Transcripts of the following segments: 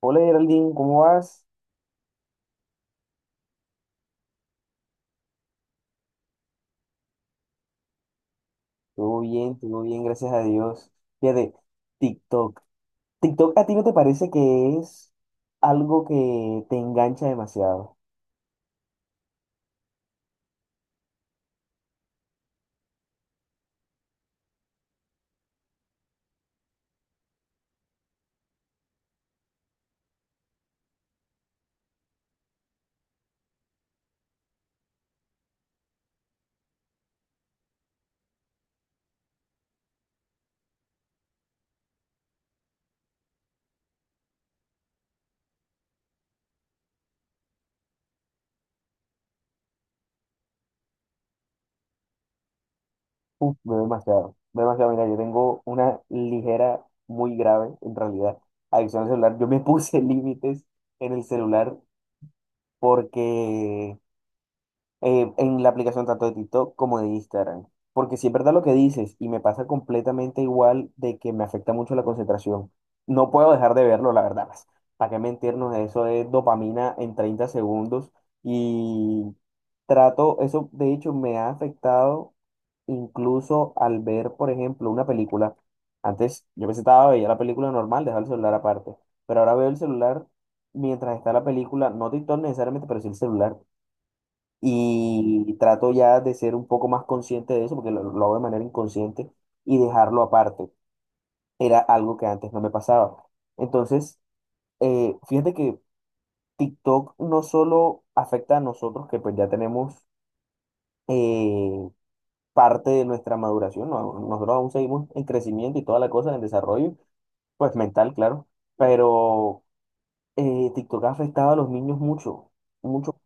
Hola Geraldine, ¿cómo vas? Todo bien, gracias a Dios. Fíjate, TikTok. TikTok, ¿a ti no te parece que es algo que te engancha demasiado? Uf, veo demasiado, veo demasiado. Mira, yo tengo una ligera, muy grave, en realidad, adicción al celular. Yo me puse límites en el celular porque en la aplicación tanto de TikTok como de Instagram. Porque si es verdad lo que dices, y me pasa completamente igual de que me afecta mucho la concentración. No puedo dejar de verlo, la verdad. Pues, ¿para qué mentirnos? Eso es dopamina en 30 segundos. Y trato, eso de hecho me ha afectado incluso al ver, por ejemplo, una película. Antes yo me sentaba, veía la película normal, dejaba el celular aparte. Pero ahora veo el celular mientras está la película, no TikTok necesariamente, pero sí el celular y trato ya de ser un poco más consciente de eso, porque lo hago de manera inconsciente, y dejarlo aparte. Era algo que antes no me pasaba. Entonces, fíjate que TikTok no solo afecta a nosotros, que pues ya tenemos eh, parte de nuestra maduración, nosotros aún seguimos en crecimiento y toda la cosa, en desarrollo, pues mental, claro, pero TikTok ha afectado a los niños mucho, mucho,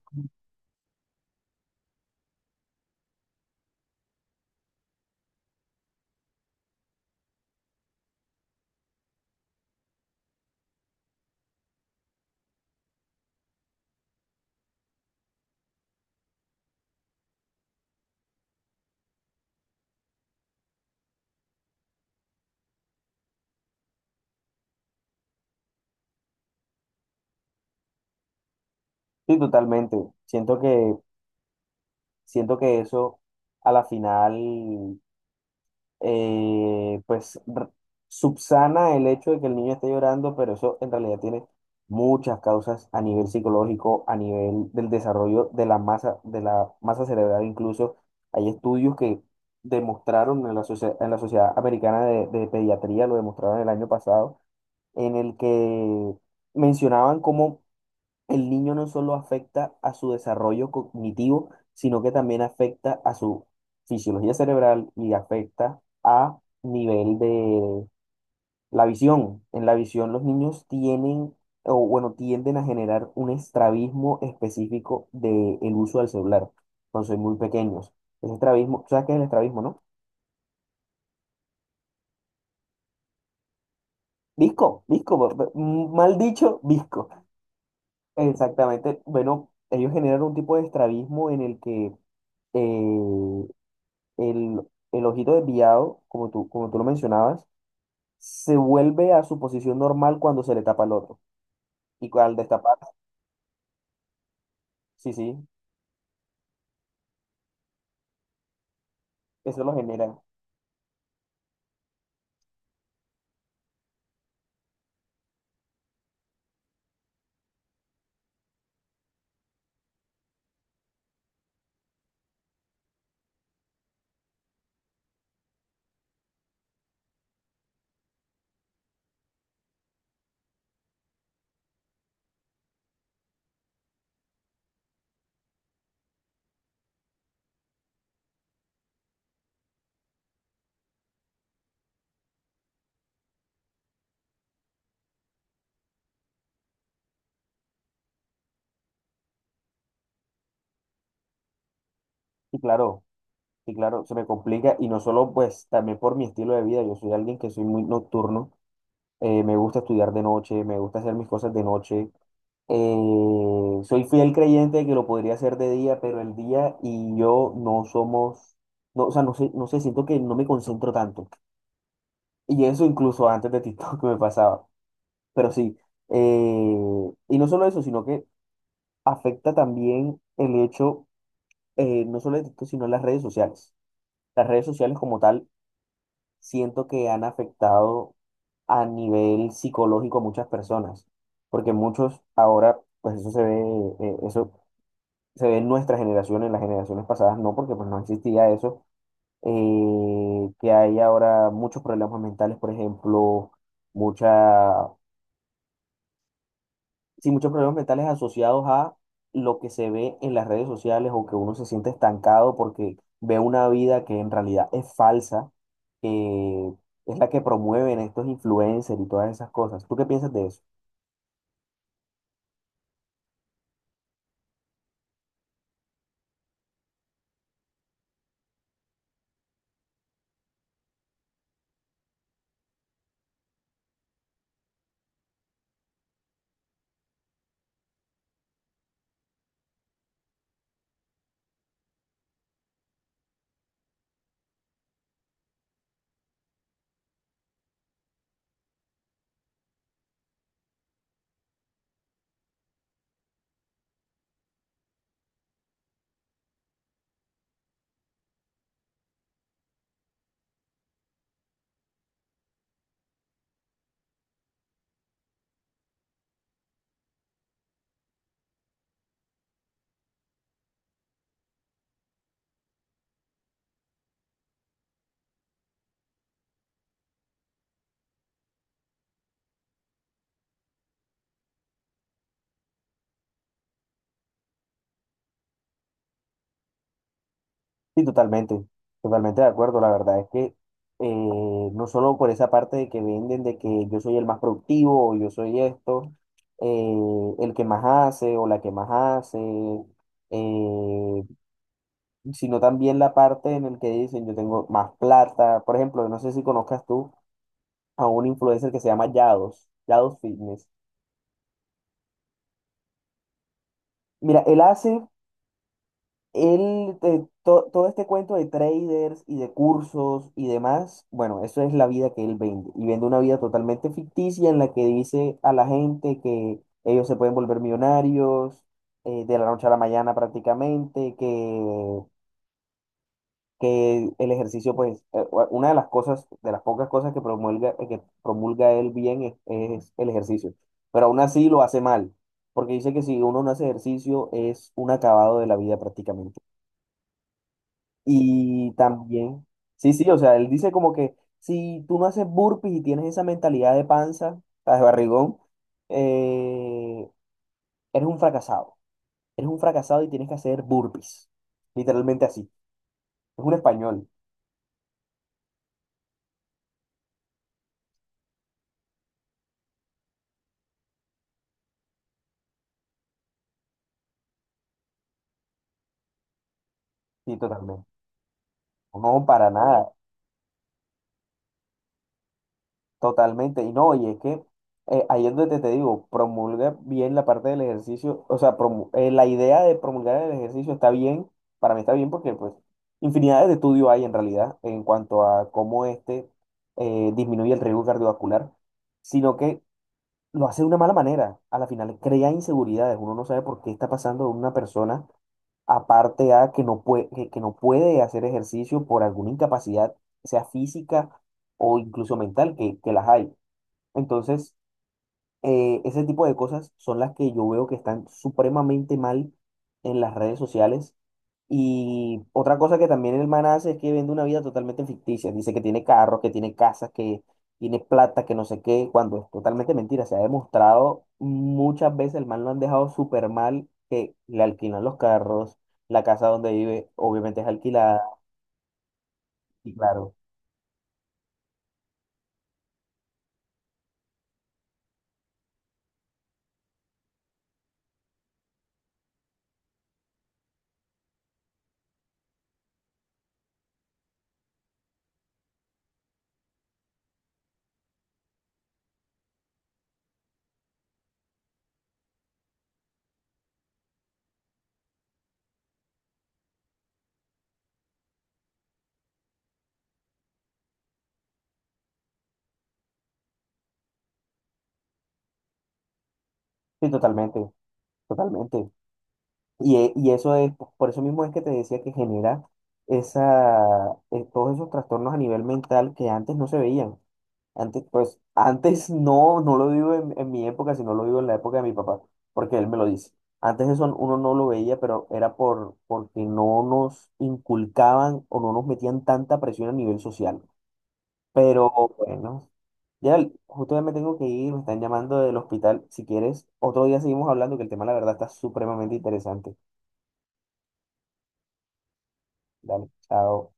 sí, totalmente. Siento que Siento que eso a la final, pues subsana el hecho de que el niño esté llorando, pero eso en realidad tiene muchas causas a nivel psicológico, a nivel del desarrollo de la masa cerebral. Incluso hay estudios que demostraron en en la Sociedad Americana de Pediatría, lo demostraron el año pasado, en el que mencionaban cómo el niño no solo afecta a su desarrollo cognitivo, sino que también afecta a su fisiología cerebral y afecta a nivel de la visión. En la visión los niños tienen, o bueno, tienden a generar un estrabismo específico del uso del celular cuando son muy pequeños. Ese estrabismo, ¿sabes qué es el estrabismo, no? Visco, visco, mal dicho, visco. Exactamente. Bueno, ellos generan un tipo de estrabismo en el que eh, el, el ojito desviado, como tú lo mencionabas, se vuelve a su posición normal cuando se le tapa el otro. Y al destapar, sí, sí, eso lo genera. Y claro, y claro, se me complica. Y no solo, pues, también por mi estilo de vida. Yo soy alguien que soy muy nocturno. Me gusta estudiar de noche, me gusta hacer mis cosas de noche. Soy fiel creyente de que lo podría hacer de día, pero el día y yo no somos, no, o sea, no sé, no sé, siento que no me concentro tanto. Y eso incluso antes de TikTok me pasaba. Pero sí, y no solo eso, sino que afecta también el hecho, no solo de esto, sino las redes sociales. Las redes sociales como tal, siento que han afectado a nivel psicológico a muchas personas, porque muchos ahora, pues eso se ve en nuestra generación, en las generaciones pasadas no, porque pues no existía eso, que hay ahora muchos problemas mentales, por ejemplo, mucha. Sí, muchos problemas mentales asociados a lo que se ve en las redes sociales o que uno se siente estancado porque ve una vida que en realidad es falsa, que es la que promueven estos influencers y todas esas cosas. ¿Tú qué piensas de eso? Sí, totalmente, totalmente de acuerdo. La verdad es que no solo por esa parte de que venden de que yo soy el más productivo o yo soy esto, el que más hace o la que más hace, eh, sino también la parte en el que dicen yo tengo más plata. Por ejemplo, no sé si conozcas tú a un influencer que se llama Yados, Yados Fitness. Mira, él hace, él, todo este cuento de traders y de cursos y demás, bueno, eso es la vida que él vende. Y vende una vida totalmente ficticia en la que dice a la gente que ellos se pueden volver millonarios de la noche a la mañana prácticamente, que el ejercicio, pues, una de las cosas, de las pocas cosas que promulga él bien es el ejercicio, pero aún así lo hace mal, porque dice que si uno no hace ejercicio es un acabado de la vida prácticamente. Y también, sí, sí, o sea, él dice como que si tú no haces burpees y tienes esa mentalidad de panza, o sea, de barrigón, eh, eres un fracasado, eres un fracasado y tienes que hacer burpees, literalmente así, es un español, sí, totalmente. No, para nada. Totalmente, y no, y es que ahí es donde te digo, promulga bien la parte del ejercicio, o sea, la idea de promulgar el ejercicio está bien, para mí está bien porque pues infinidades de estudios hay en realidad en cuanto a cómo este disminuye el riesgo cardiovascular, sino que lo hace de una mala manera, a la final crea inseguridades, uno no sabe por qué está pasando de una persona, aparte a que no puede, que no puede hacer ejercicio por alguna incapacidad, sea física o incluso mental, que las hay. Entonces, ese tipo de cosas son las que yo veo que están supremamente mal en las redes sociales. Y otra cosa que también el man hace es que vende una vida totalmente ficticia. Dice que tiene carros, que tiene casas, que tiene plata, que no sé qué, cuando es totalmente mentira. Se ha demostrado muchas veces, el man lo han dejado súper mal, que le alquilan los carros, la casa donde vive obviamente es alquilada. Y claro, sí, totalmente, totalmente. Y, y eso es, por eso mismo es que te decía que genera esa, todos esos trastornos a nivel mental que antes no se veían. Antes, pues, antes no, no lo digo en mi época, sino lo digo en la época de mi papá, porque él me lo dice. Antes eso uno no lo veía, pero era por, porque no nos inculcaban o no nos metían tanta presión a nivel social. Pero bueno, ya justo ya me tengo que ir, me están llamando del hospital. Si quieres, otro día seguimos hablando, que el tema, la verdad, está supremamente interesante. Dale, chao.